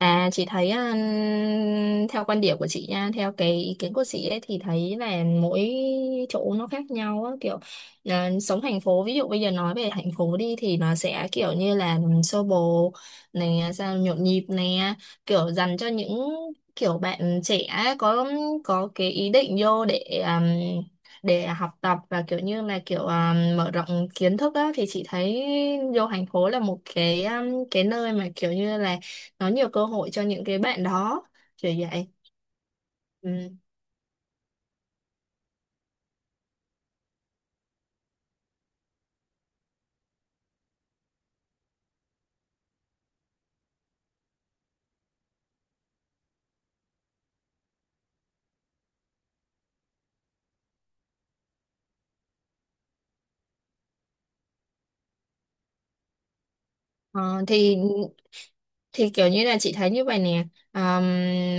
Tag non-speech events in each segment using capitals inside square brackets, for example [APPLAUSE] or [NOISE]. À, chị thấy à, theo quan điểm của chị nha, theo cái ý kiến của chị ấy thì thấy là mỗi chỗ nó khác nhau á, kiểu sống thành phố, ví dụ bây giờ nói về thành phố đi thì nó sẽ kiểu như là xô bồ này à, sao nhộn nhịp này, kiểu dành cho những kiểu bạn trẻ có có cái ý định vô à, để học tập và kiểu như là kiểu mở rộng kiến thức á, thì chị thấy vô thành phố là một cái nơi mà kiểu như là nó nhiều cơ hội cho những cái bạn đó, kiểu vậy. Ừ. Ờ, thì kiểu như là chị thấy như vậy nè. À,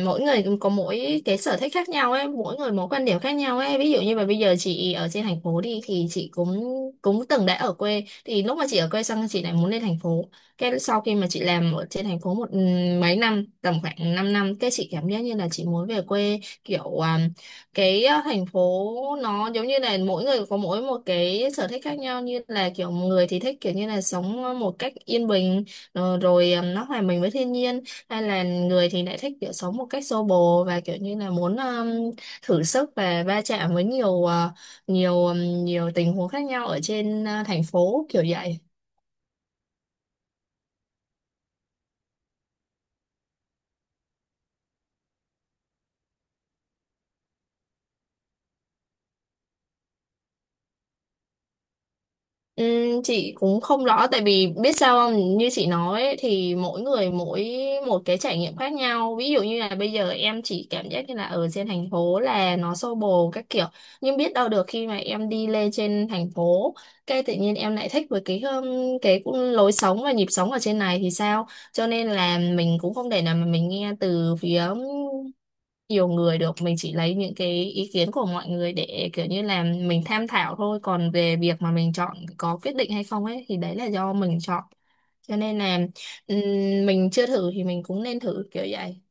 mỗi người cũng có mỗi cái sở thích khác nhau ấy, mỗi người mỗi quan điểm khác nhau ấy, ví dụ như là bây giờ chị ở trên thành phố đi thì chị cũng cũng từng đã ở quê, thì lúc mà chị ở quê xong chị lại muốn lên thành phố, cái sau khi mà chị làm ở trên thành phố một mấy năm, tầm khoảng 5 năm năm, cái chị cảm giác như là chị muốn về quê, kiểu cái thành phố nó giống như là mỗi người có mỗi một cái sở thích khác nhau, như là kiểu người thì thích kiểu như là sống một cách yên bình, rồi nó hòa mình với thiên nhiên, hay là người thì lại thích kiểu sống một cách xô bồ và kiểu như là muốn thử sức và va chạm với nhiều ờ, nhiều nhiều tình huống khác nhau ở trên thành phố, kiểu vậy. Chị cũng không rõ, tại vì biết sao không, như chị nói ấy, thì mỗi người mỗi một cái trải nghiệm khác nhau, ví dụ như là bây giờ em chỉ cảm giác như là ở trên thành phố là nó xô bồ các kiểu, nhưng biết đâu được khi mà em đi lên trên thành phố cái tự nhiên em lại thích với cái cũng lối sống và nhịp sống ở trên này thì sao, cho nên là mình cũng không thể nào mà mình nghe từ phía nhiều người được, mình chỉ lấy những cái ý kiến của mọi người để kiểu như là mình tham khảo thôi, còn về việc mà mình chọn có quyết định hay không ấy thì đấy là do mình chọn, cho nên là ừm, mình chưa thử thì mình cũng nên thử, kiểu vậy.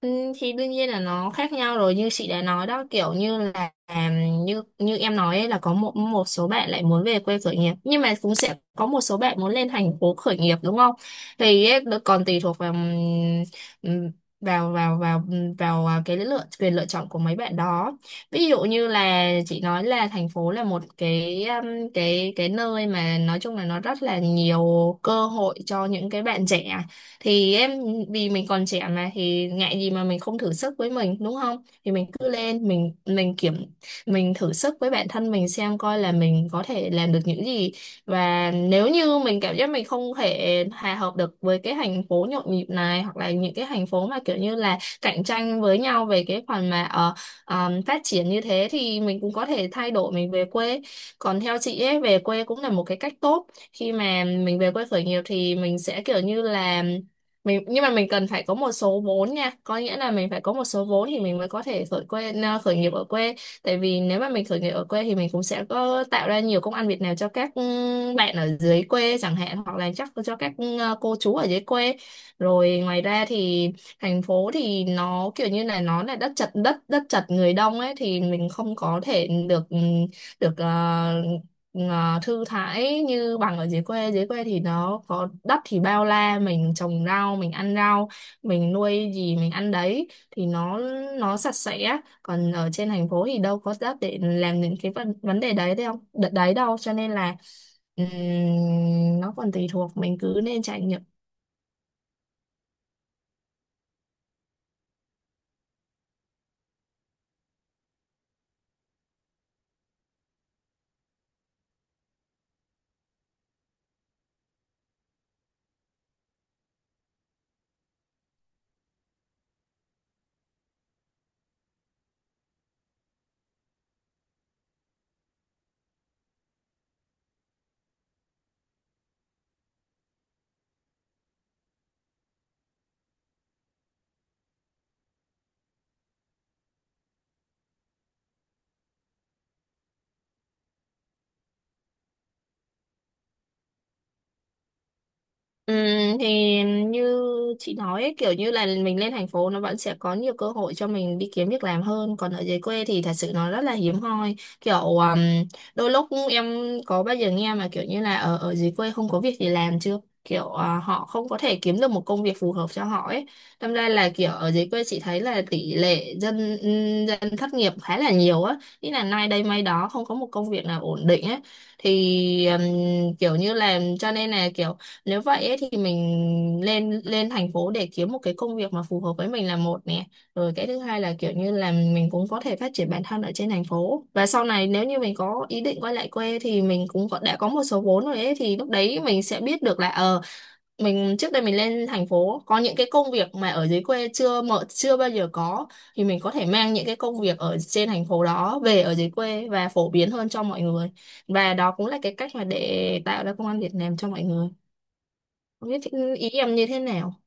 Ừ, thì đương nhiên là nó khác nhau rồi, như chị đã nói đó, kiểu như là như như em nói ấy, là có một một số bạn lại muốn về quê khởi nghiệp nhưng mà cũng sẽ có một số bạn muốn lên thành phố khởi nghiệp, đúng không, thì ấy, nó còn tùy thuộc vào ừm, vào vào vào vào à, cái lựa chọn của mấy bạn đó, ví dụ như là chị nói là thành phố là một cái nơi mà nói chung là nó rất là nhiều cơ hội cho những cái bạn trẻ, thì em, vì mình còn trẻ mà thì ngại gì mà mình không thử sức với mình đúng không, thì mình cứ lên mình thử sức với bản thân mình xem coi là mình có thể làm được những gì, và nếu như mình cảm giác mình không thể hòa hợp được với cái thành phố nhộn nhịp này hoặc là những cái thành phố mà kiểu như là cạnh tranh với nhau về cái phần mà phát triển như thế thì mình cũng có thể thay đổi mình về quê, còn theo chị ấy về quê cũng là một cái cách tốt, khi mà mình về quê khởi nghiệp thì mình sẽ kiểu như là mình, nhưng mà mình cần phải có một số vốn nha, có nghĩa là mình phải có một số vốn thì mình mới có thể khởi nghiệp ở quê, tại vì nếu mà mình khởi nghiệp ở quê thì mình cũng sẽ có tạo ra nhiều công ăn việc làm cho các bạn ở dưới quê chẳng hạn, hoặc là chắc cho các cô chú ở dưới quê, rồi ngoài ra thì thành phố thì nó kiểu như là nó là đất chật đất đất chật người đông ấy, thì mình không có thể được được thư thái như bằng ở dưới quê, dưới quê thì nó có đất thì bao la, mình trồng rau mình ăn rau, mình nuôi gì mình ăn đấy, thì nó sạch sẽ, còn ở trên thành phố thì đâu có đất để làm những cái vấn vấn đề đấy đâu, cho nên là nó còn tùy thuộc, mình cứ nên trải nghiệm. Ừ, thì như chị nói ấy, kiểu như là mình lên thành phố nó vẫn sẽ có nhiều cơ hội cho mình đi kiếm việc làm hơn, còn ở dưới quê thì thật sự nó rất là hiếm hoi, kiểu đôi lúc em có bao giờ nghe mà kiểu như là ở ở dưới quê không có việc gì làm chưa, kiểu họ không có thể kiếm được một công việc phù hợp cho họ ấy, đâm ra là kiểu ở dưới quê chị thấy là tỷ lệ dân dân thất nghiệp khá là nhiều á, ý là nay đây mai đó không có một công việc nào ổn định ấy, thì kiểu như là cho nên là kiểu, nếu vậy ấy, thì mình lên lên thành phố để kiếm một cái công việc mà phù hợp với mình là một nè. Rồi cái thứ hai là kiểu như là mình cũng có thể phát triển bản thân ở trên thành phố. Và sau này nếu như mình có ý định quay lại quê thì mình cũng có, đã có một số vốn rồi ấy, thì lúc đấy mình sẽ biết được là mình trước đây mình lên thành phố có những cái công việc mà ở dưới quê chưa mở chưa bao giờ có, thì mình có thể mang những cái công việc ở trên thành phố đó về ở dưới quê và phổ biến hơn cho mọi người. Và đó cũng là cái cách mà để tạo ra công ăn việc làm cho mọi người. Không biết ý em như thế nào?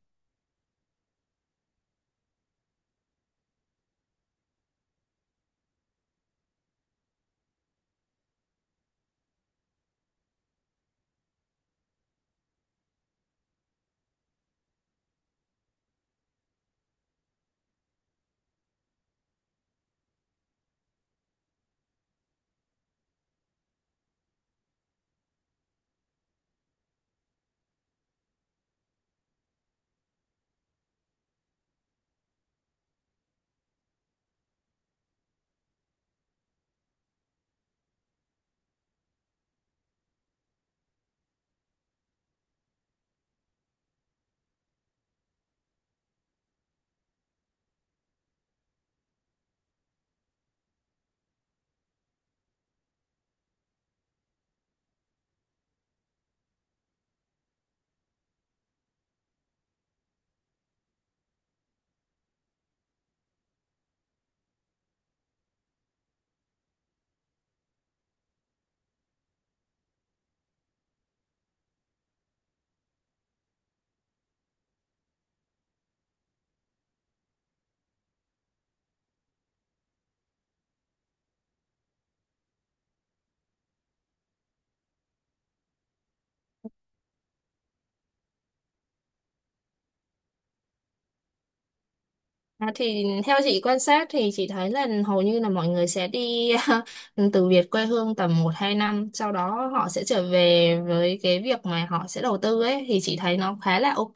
À, thì theo chị quan sát thì chị thấy là hầu như là mọi người sẽ đi [LAUGHS] từ Việt quê hương tầm một hai năm, sau đó họ sẽ trở về với cái việc mà họ sẽ đầu tư ấy, thì chị thấy nó khá là OK,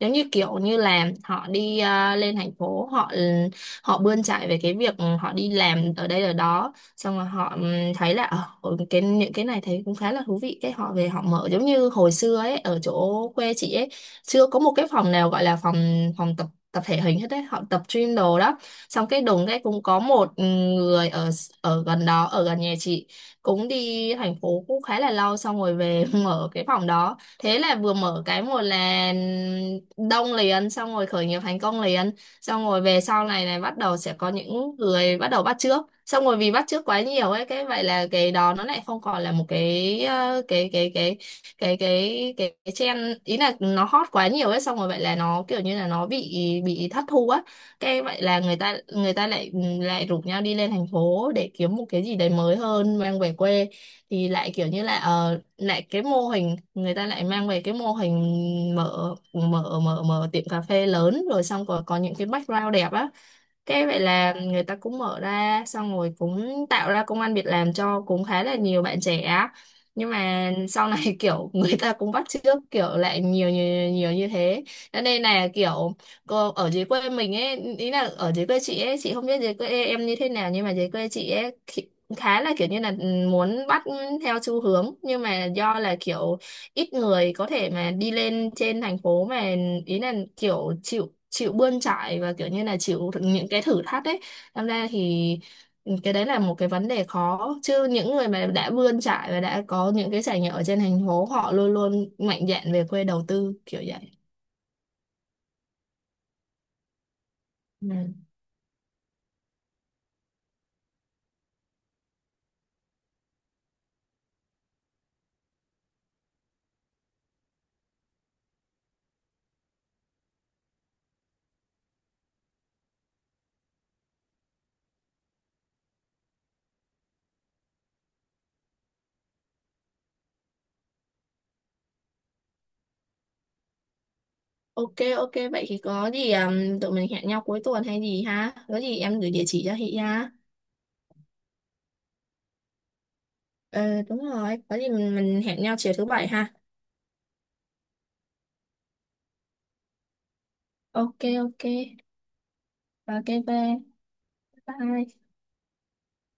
giống như kiểu như là họ đi lên thành phố, họ họ bươn chải về cái việc họ đi làm ở đây ở đó xong rồi họ thấy là cái những cái này thấy cũng khá là thú vị, cái họ về họ mở, giống như hồi xưa ấy, ở chỗ quê chị ấy chưa có một cái phòng nào gọi là phòng phòng tập tập thể hình hết đấy, họ tập gym đồ đó, xong cái đùng cái cũng có một người ở ở gần đó, ở gần nhà chị, cũng đi thành phố cũng khá là lâu xong rồi về [LAUGHS] mở cái phòng đó, thế là vừa mở cái một là đông liền, xong rồi khởi nghiệp thành công liền, xong rồi về sau này này bắt đầu sẽ có những người bắt đầu bắt chước, xong rồi vì bắt chước quá nhiều ấy cái vậy là cái đó nó lại không còn là một cái trend, ý là nó hot quá nhiều ấy, xong rồi vậy là nó kiểu như là nó bị thất thu á, cái vậy là người ta lại rủ nhau đi lên thành phố để kiếm một cái gì đấy mới hơn mang về quê, thì lại kiểu như là lại cái mô hình, người ta lại mang về cái mô hình mở mở mở mở tiệm cà phê lớn, rồi xong rồi có những cái background đẹp á, cái vậy là người ta cũng mở ra xong rồi cũng tạo ra công ăn việc làm cho cũng khá là nhiều bạn trẻ á. Nhưng mà sau này [LAUGHS] kiểu người ta cũng bắt chước kiểu lại nhiều nhiều nhiều như thế. Cho nên là kiểu cô ở dưới quê mình ấy, ý là ở dưới quê chị ấy, chị không biết dưới quê em như thế nào nhưng mà dưới quê chị ấy khá là kiểu như là muốn bắt theo xu hướng, nhưng mà do là kiểu ít người có thể mà đi lên trên thành phố mà, ý là kiểu chịu chịu bươn chải và kiểu như là chịu những cái thử thách đấy. Làm ra thì cái đấy là một cái vấn đề khó, chứ những người mà đã bươn chải và đã có những cái trải nghiệm ở trên thành phố họ luôn luôn mạnh dạn về quê đầu tư, kiểu vậy. Ừ. OK, OK, vậy thì có gì tụi mình hẹn nhau cuối tuần hay gì ha, có gì em gửi địa chỉ cho chị ha. Ờ, đúng rồi, có gì mình hẹn nhau chiều thứ bảy ha. OK. OK. OK, bye bye.